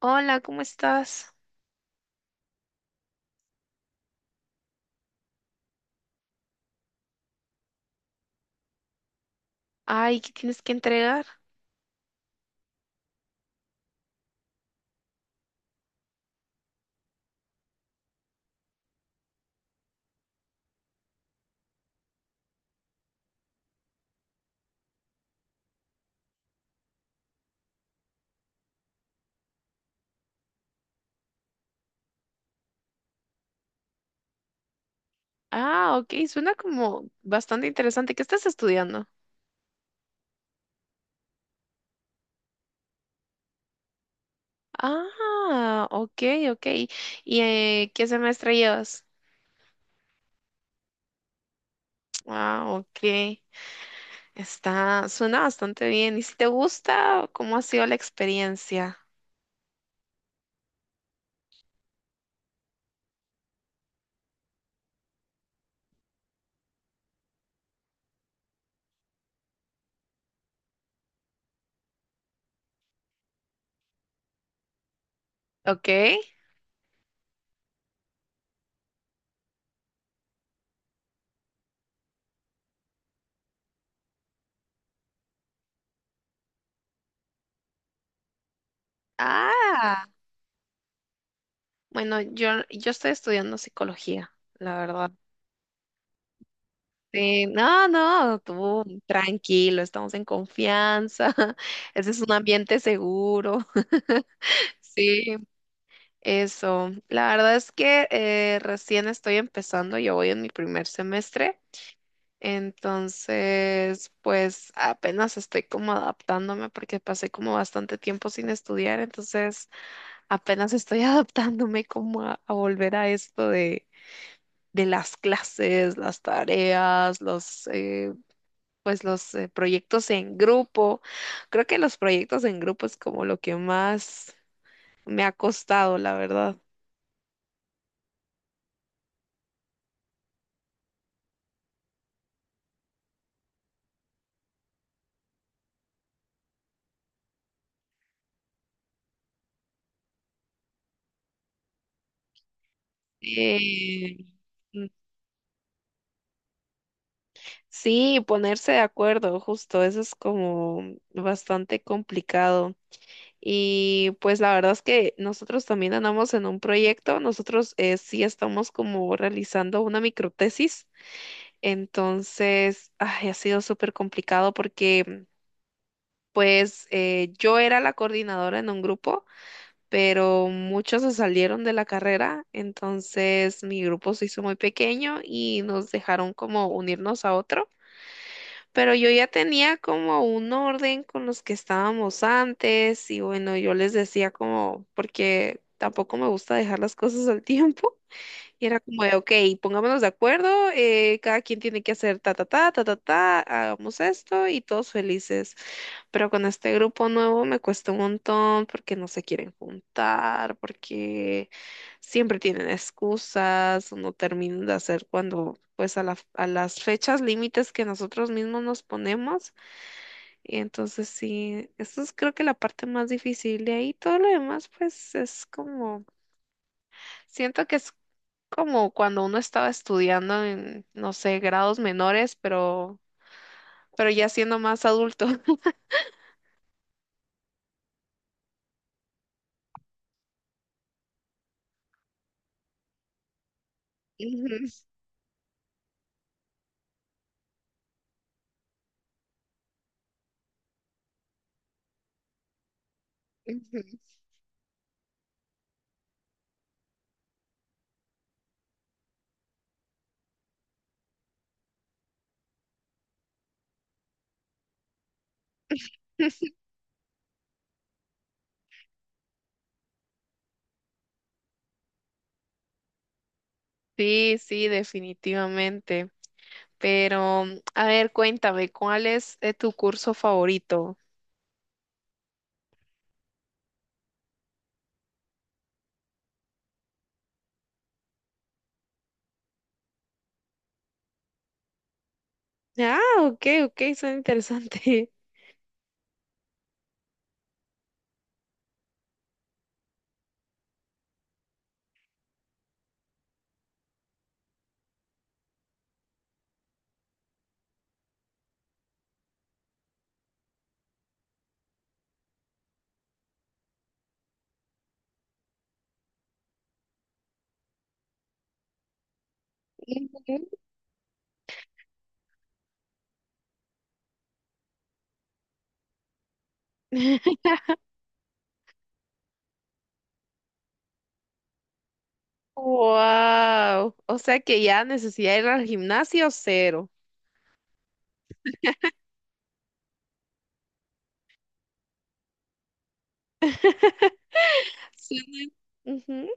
Hola, ¿cómo estás? Ay, ¿qué tienes que entregar? Ah, ok, suena como bastante interesante. ¿Qué estás estudiando? Ah, ok, ok. ¿Y qué semestre llevas? Ah, ok. Está, suena bastante bien. ¿Y si te gusta, cómo ha sido la experiencia? Ok. Ah, bueno, yo estoy estudiando psicología, la verdad. Sí, no, no, tú tranquilo, estamos en confianza. Ese es un ambiente seguro. Sí, eso. La verdad es que recién estoy empezando, yo voy en mi primer semestre, entonces pues apenas estoy como adaptándome porque pasé como bastante tiempo sin estudiar, entonces apenas estoy adaptándome como a volver a esto de las clases, las tareas, los pues los proyectos en grupo. Creo que los proyectos en grupo es como lo que más me ha costado, la verdad. Eh, mm, sí, ponerse de acuerdo, justo, eso es como bastante complicado. Y pues la verdad es que nosotros también andamos en un proyecto, nosotros sí estamos como realizando una microtesis, entonces ay, ha sido súper complicado porque pues yo era la coordinadora en un grupo, pero muchos se salieron de la carrera, entonces mi grupo se hizo muy pequeño y nos dejaron como unirnos a otro. Pero yo ya tenía como un orden con los que estábamos antes y bueno, yo les decía como, porque tampoco me gusta dejar las cosas al tiempo. Y era como de, ok, pongámonos de acuerdo, cada quien tiene que hacer ta, ta, ta, ta, ta, ta, hagamos esto y todos felices. Pero con este grupo nuevo me cuesta un montón porque no se quieren juntar, porque siempre tienen excusas o no terminan de hacer cuando, pues a las fechas límites que nosotros mismos nos ponemos. Y entonces sí, eso es creo que la parte más difícil. De ahí todo lo demás, pues es como... Siento que es como cuando uno estaba estudiando en, no sé, grados menores, pero ya siendo más adulto. Ujú, ujú. Sí, sí, definitivamente. Pero, a ver, cuéntame, ¿cuál es tu curso favorito? Ah, ok, ok, suena interesante. Ujú. Wow, o sea que ya necesidad de ir al gimnasio cero. Sí. Ujú.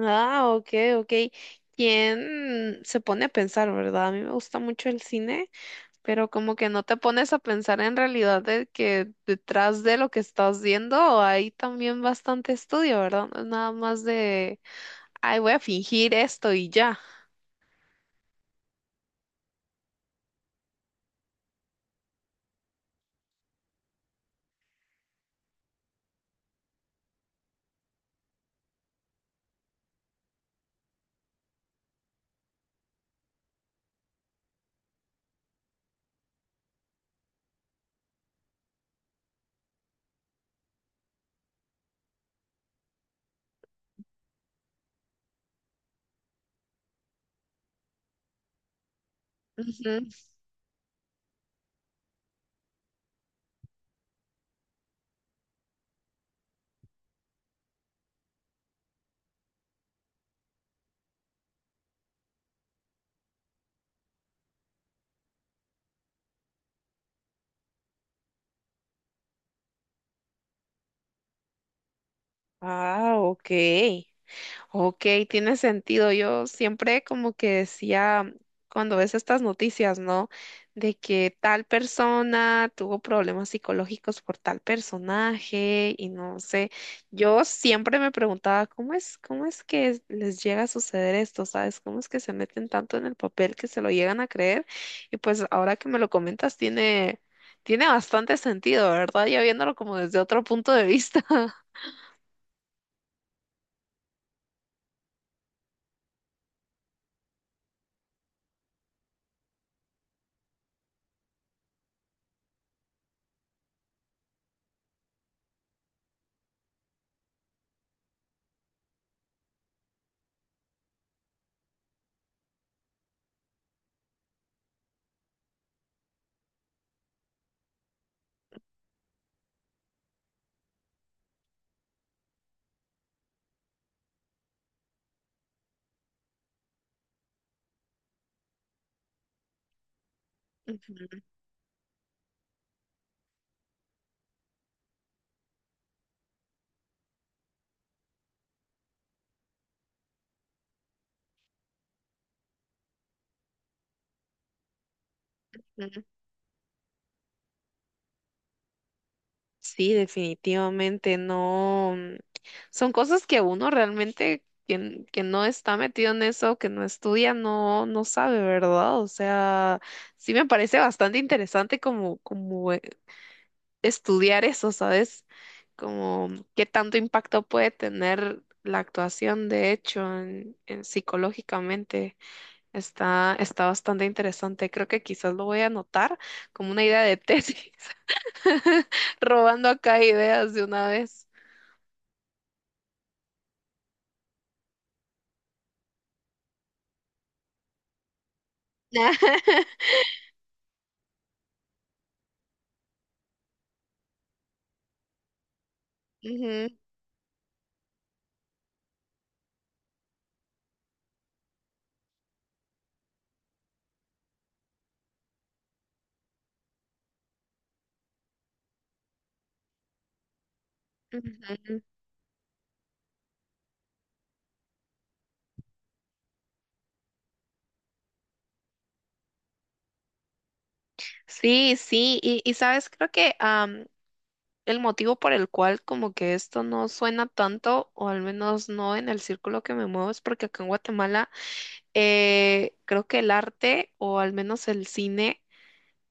Ah, ok, ok. ¿Quién se pone a pensar, verdad? A mí me gusta mucho el cine. Pero como que no te pones a pensar en realidad de que detrás de lo que estás viendo hay también bastante estudio, ¿verdad? No es nada más de, ay, voy a fingir esto y ya. Ujú. Ah, ok. Ok, tiene sentido. Yo siempre como que decía, cuando ves estas noticias, ¿no? De que tal persona tuvo problemas psicológicos por tal personaje y no sé. Yo siempre me preguntaba, cómo es que les llega a suceder esto? ¿Sabes? ¿Cómo es que se meten tanto en el papel que se lo llegan a creer? Y pues ahora que me lo comentas, tiene, tiene bastante sentido, ¿verdad? Ya viéndolo como desde otro punto de vista. Ujú. Sí, definitivamente no. Son cosas que uno realmente, quien, que no está metido en eso, que no estudia, no, no sabe, ¿verdad? O sea, sí me parece bastante interesante como, como estudiar eso, ¿sabes? Como qué tanto impacto puede tener la actuación, de hecho, en psicológicamente. Está, está bastante interesante. Creo que quizás lo voy a anotar como una idea de tesis. Robando acá ideas de una vez. Ujú, ujú. Sí, sí, y sabes, creo que el motivo por el cual como que esto no suena tanto, o al menos no en el círculo que me muevo, es porque acá en Guatemala creo que el arte, o al menos el cine,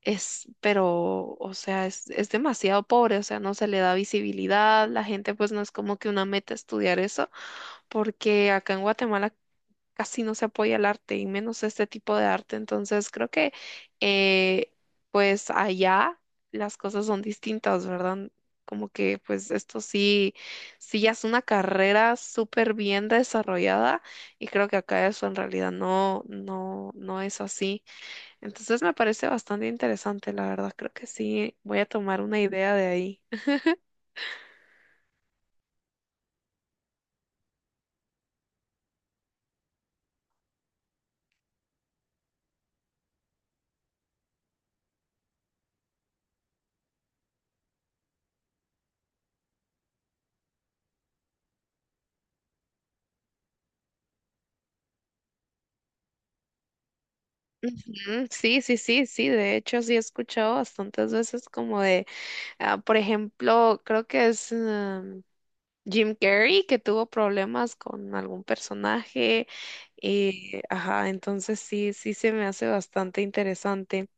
es, pero, o sea, es demasiado pobre, o sea, no se le da visibilidad, la gente pues no es como que una meta estudiar eso porque acá en Guatemala casi no se apoya el arte y menos este tipo de arte. Entonces creo que eh, pues allá las cosas son distintas, ¿verdad? Como que pues esto sí, sí ya es una carrera súper bien desarrollada y creo que acá eso en realidad no, no, no es así. Entonces me parece bastante interesante, la verdad. Creo que sí, voy a tomar una idea de ahí. Ujú, sí, sí, sí, sí, de hecho sí he escuchado bastantes veces como de ah, por ejemplo, creo que es Jim Carrey que tuvo problemas con algún personaje. Ajá, entonces sí, sí se me hace bastante interesante.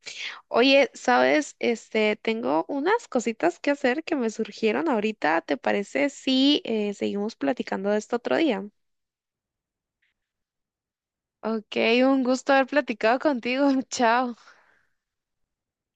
Oye, ¿sabes? Este, tengo unas cositas que hacer que me surgieron ahorita. ¿Te parece si seguimos platicando de esto otro día? Ok, un gusto haber platicado contigo. Chao.